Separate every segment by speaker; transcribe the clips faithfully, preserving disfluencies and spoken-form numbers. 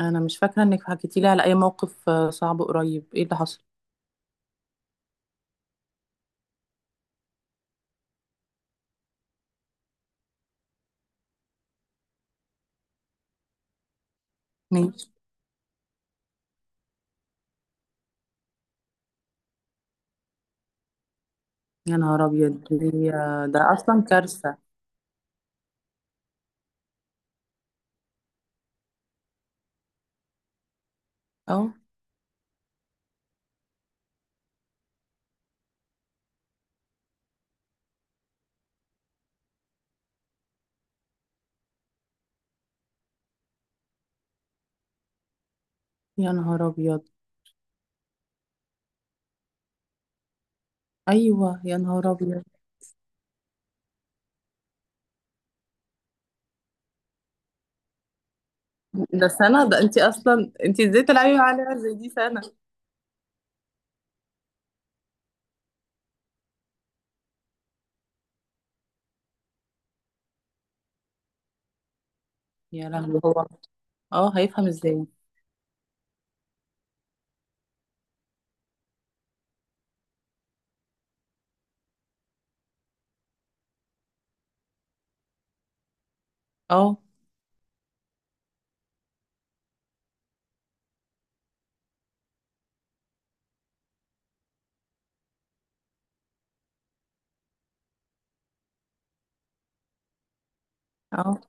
Speaker 1: انا مش فاكره انك حكيتي لي على اي موقف، آه، صعب. قريب؟ ايه اللي حصل؟ ماشي. يا نهار ابيض! دي- ده اصلا كارثه. اه، يا نهار ابيض. ايوه، يا نهار ابيض. ده سنه، ده انت اصلا انت ازاي تلعبي عليها زي دي سنه؟ يا لهوي، هو اه هيفهم ازاي؟ اه. اه.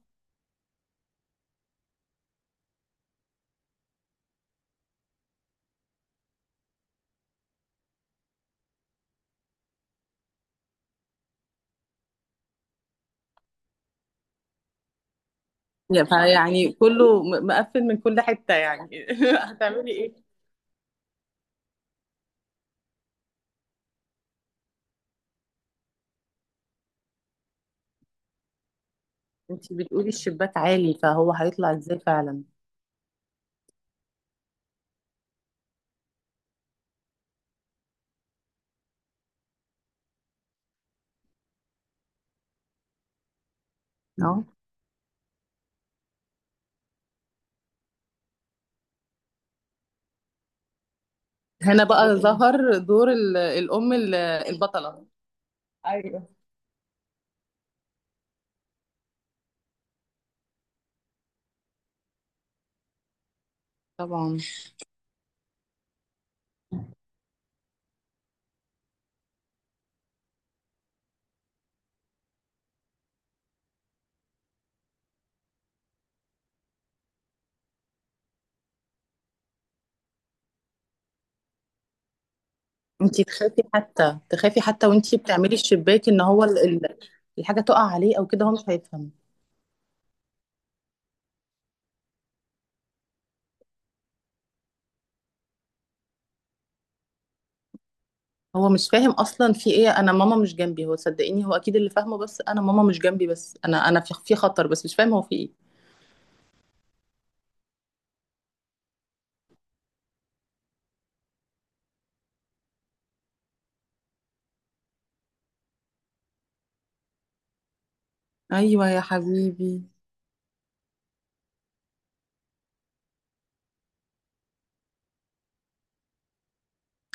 Speaker 1: يا- فيعني كله م- مقفل من كل حته يعني هتعملي ايه؟ انت بتقولي الشباك عالي، فهو هيطلع ازاي فعلا؟ اه. هنا بقى ظهر دور ال- الام ال- البطله. ايوه. طبعا. انتي تخافي حتى، تخافي حتى وانتي بتعملي الشباك، ان هو ال... ال- الحاجه تقع عليه او كده، هو مش هيفهم. هو مش فاهم اصلا في ايه، انا ماما مش جنبي. هو صدقيني هو اكيد اللي فاهمه، بس انا ماما مش جنبي، بس انا انا في في خطر، بس مش فاهم هو في ايه. ايوه يا حبيبي.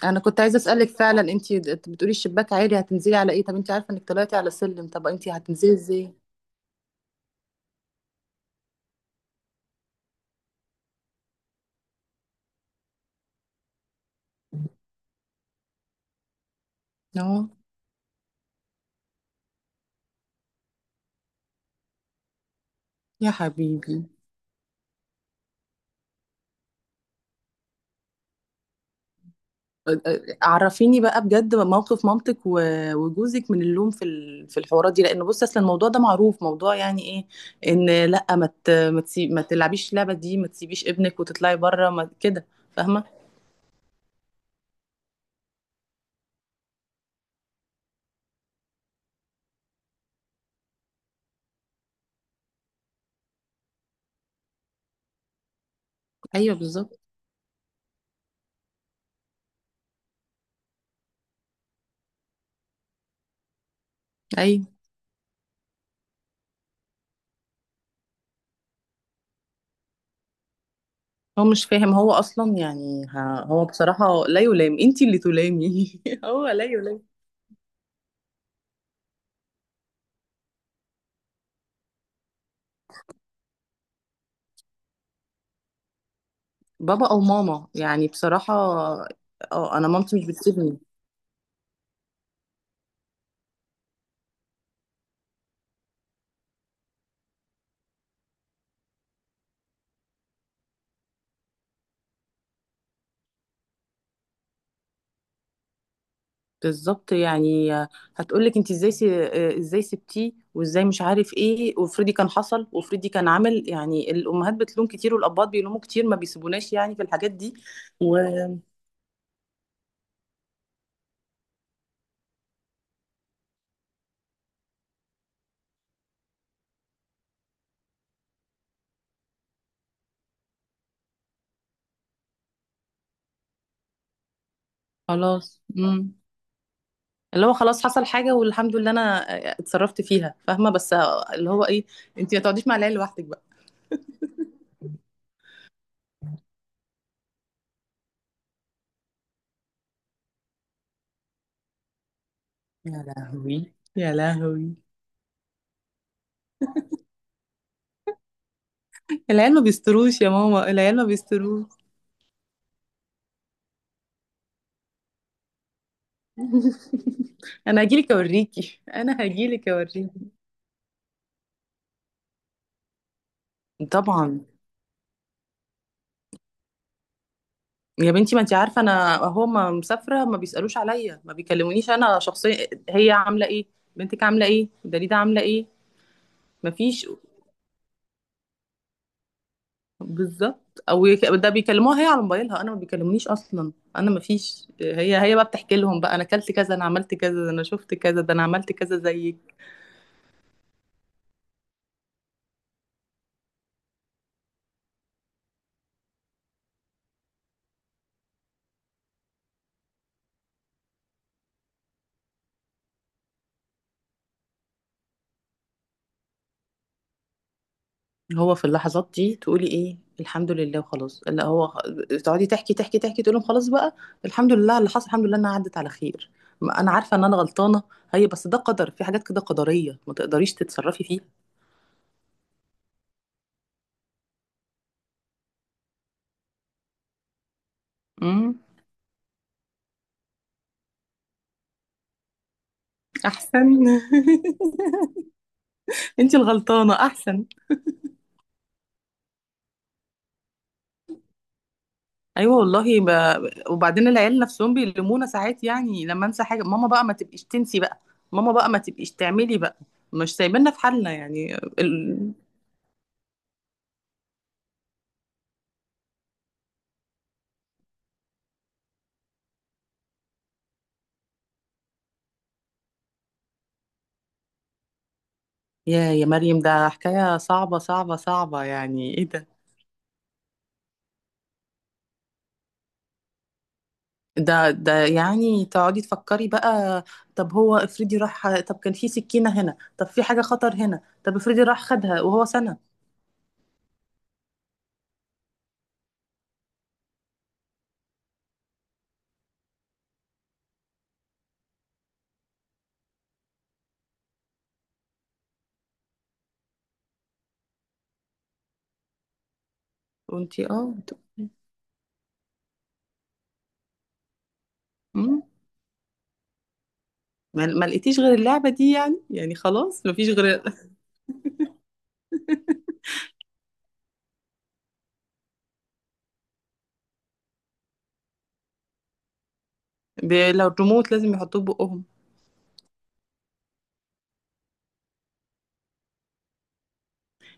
Speaker 1: انا كنت عايزه اسالك فعلا، انتي د- بتقولي الشباك عالي، هتنزلي على ايه؟ طب انتي عارفه انك طلعتي على سلم، طب انتي هتنزلي ازاي؟ اه يا حبيبي. عرفيني بقى بجد، موقف مامتك و- وجوزك من اللوم في ال- في الحوارات دي، لان بص اصلا الموضوع ده معروف، موضوع يعني ايه ان لا، ما ت- ما تسي- ما تلعبيش اللعبه دي، ما تسيبيش ابنك وتطلعي بره، ما كده. فاهمه. ايوه بالظبط. ايوه، هو مش فاهم، هو اصلا يعني ه- هو بصراحه لا يلام، انتي اللي تلامي هو لا يلام. بابا او ماما، يعني بصراحه. اه، انا مامتي مش بتسيبني. بالظبط يعني. هتقولك انت ازاي س... ازاي سبتيه، وازاي مش عارف ايه، وافرضي كان حصل، وافرضي كان عمل. يعني الامهات بتلوم كتير، والاباء بيلوموا كتير، ما بيسيبوناش يعني في الحاجات دي. وخلاص امم اللي هو خلاص حصل حاجه، والحمد لله انا اتصرفت فيها فاهمه، بس اللي هو ايه، انت ما تقعديش مع العيال لوحدك بقى. يا لهوي، يا لهوي. العيال ما بيستروش يا ماما، العيال ما بيستروش. انا هجيلك اوريكي، انا هجيلك اوريكي. طبعا. يا بنتي، ما انت عارفه انا اهو ما مسافره، ما بيسالوش عليا، ما بيكلمونيش انا شخصيا، هي عامله ايه؟ بنتك عامله ايه؟ دليده عامله ايه؟ ما فيش. بالظبط. او يك- ده بيكلموها هي على موبايلها، انا ما بيكلمونيش اصلا، انا ما فيش، هي هي بقى بتحكي لهم بقى انا اكلت كذا، انا عملت كذا، ده انا شفت كذا، ده انا عملت كذا زيك. هو في اللحظات دي تقولي ايه؟ الحمد لله وخلاص. لا، هو خ- تقعدي تحكي، تحكي، تحكي، تقول لهم خلاص بقى. الحمد لله على اللي حصل، الحمد لله انها عدت على خير. ما انا عارفه ان انا غلطانه، هي بس ده قدر، في حاجات كده قدريه ما تقدريش تتصرفي فيها. امم. احسن. انت الغلطانه، احسن. ايوه والله ب... وبعدين العيال نفسهم بيلمونا ساعات، يعني لما انسى حاجه، ماما بقى ما تبقيش تنسي بقى. ماما بقى ما تبقيش تعملي بقى. مش سايبيننا في حالنا يعني. يا يا مريم، ده حكاية صعبة، صعبة، صعبة، يعني ايه ده؟ ده ده يعني تقعدي تفكري بقى. طب هو افرضي راح، طب كان في سكينة هنا، طب في حاجة خطر هنا، طب افرضي راح خدها وهو سنة. وانتي اه بت- مم. ما ما لقيتيش غير اللعبة دي يعني يعني خلاص مفيش غير. ب- لو الريموت لازم يحطوه بقهم.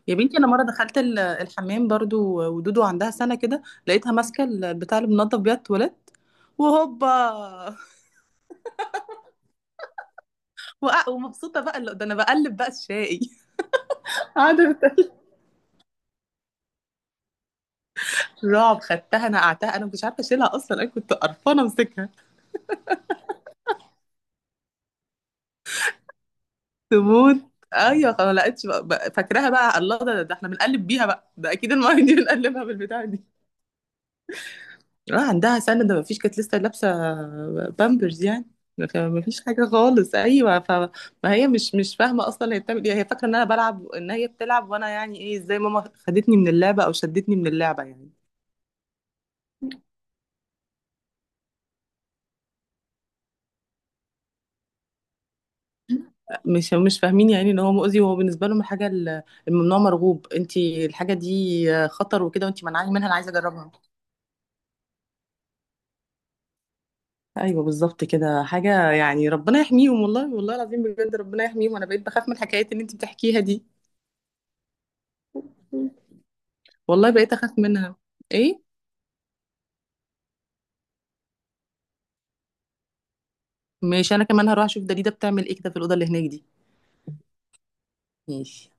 Speaker 1: يا بنتي، انا مره دخلت ال- الحمام برضو، ودودو عندها سنه كده، لقيتها ماسكه ال- بتاع اللي بنضف بيها التواليت، وهوبا! وأ- ومبسوطه بقى اللي- ده انا بقلب بقى الشاي. قاعده بت- رعب. خدتها نقعتها، انا مش عارفه اشيلها اصلا، انا كنت قرفانه امسكها. تموت. ايوه خلاص، ما لقيتش بقى بقى- فاكراها بقى، الله، ده ده احنا بنقلب بيها بقى، ده اكيد الميه دي بنقلبها بالبتاع دي. اه، عندها سنه، ده ما فيش، كانت لسه لابسه بامبرز يعني. ما فيش حاجه خالص، ايوه فما هي مش مش فاهمه اصلا هي بتعمل ايه. هي فاكره ان انا بلعب، ان هي بتلعب، وانا يعني ايه، ازاي ماما خدتني من اللعبه او شدتني من اللعبه يعني. مش مش فاهمين يعني ان هو مؤذي، وهو بالنسبه لهم الحاجه ال- الممنوع مرغوب، انت الحاجه دي خطر وكده، وانت منعاني منها انا عايزه اجربها. ايوه بالظبط، كده حاجه يعني. ربنا يحميهم، والله، والله العظيم بجد ربنا يحميهم. انا بقيت بخاف من الحكايات اللي انت بتحكيها دي، والله بقيت اخاف منها. ايه. ماشي، انا كمان هروح اشوف دليده بتعمل ايه كده في الاوضه اللي هناك دي. ماشي.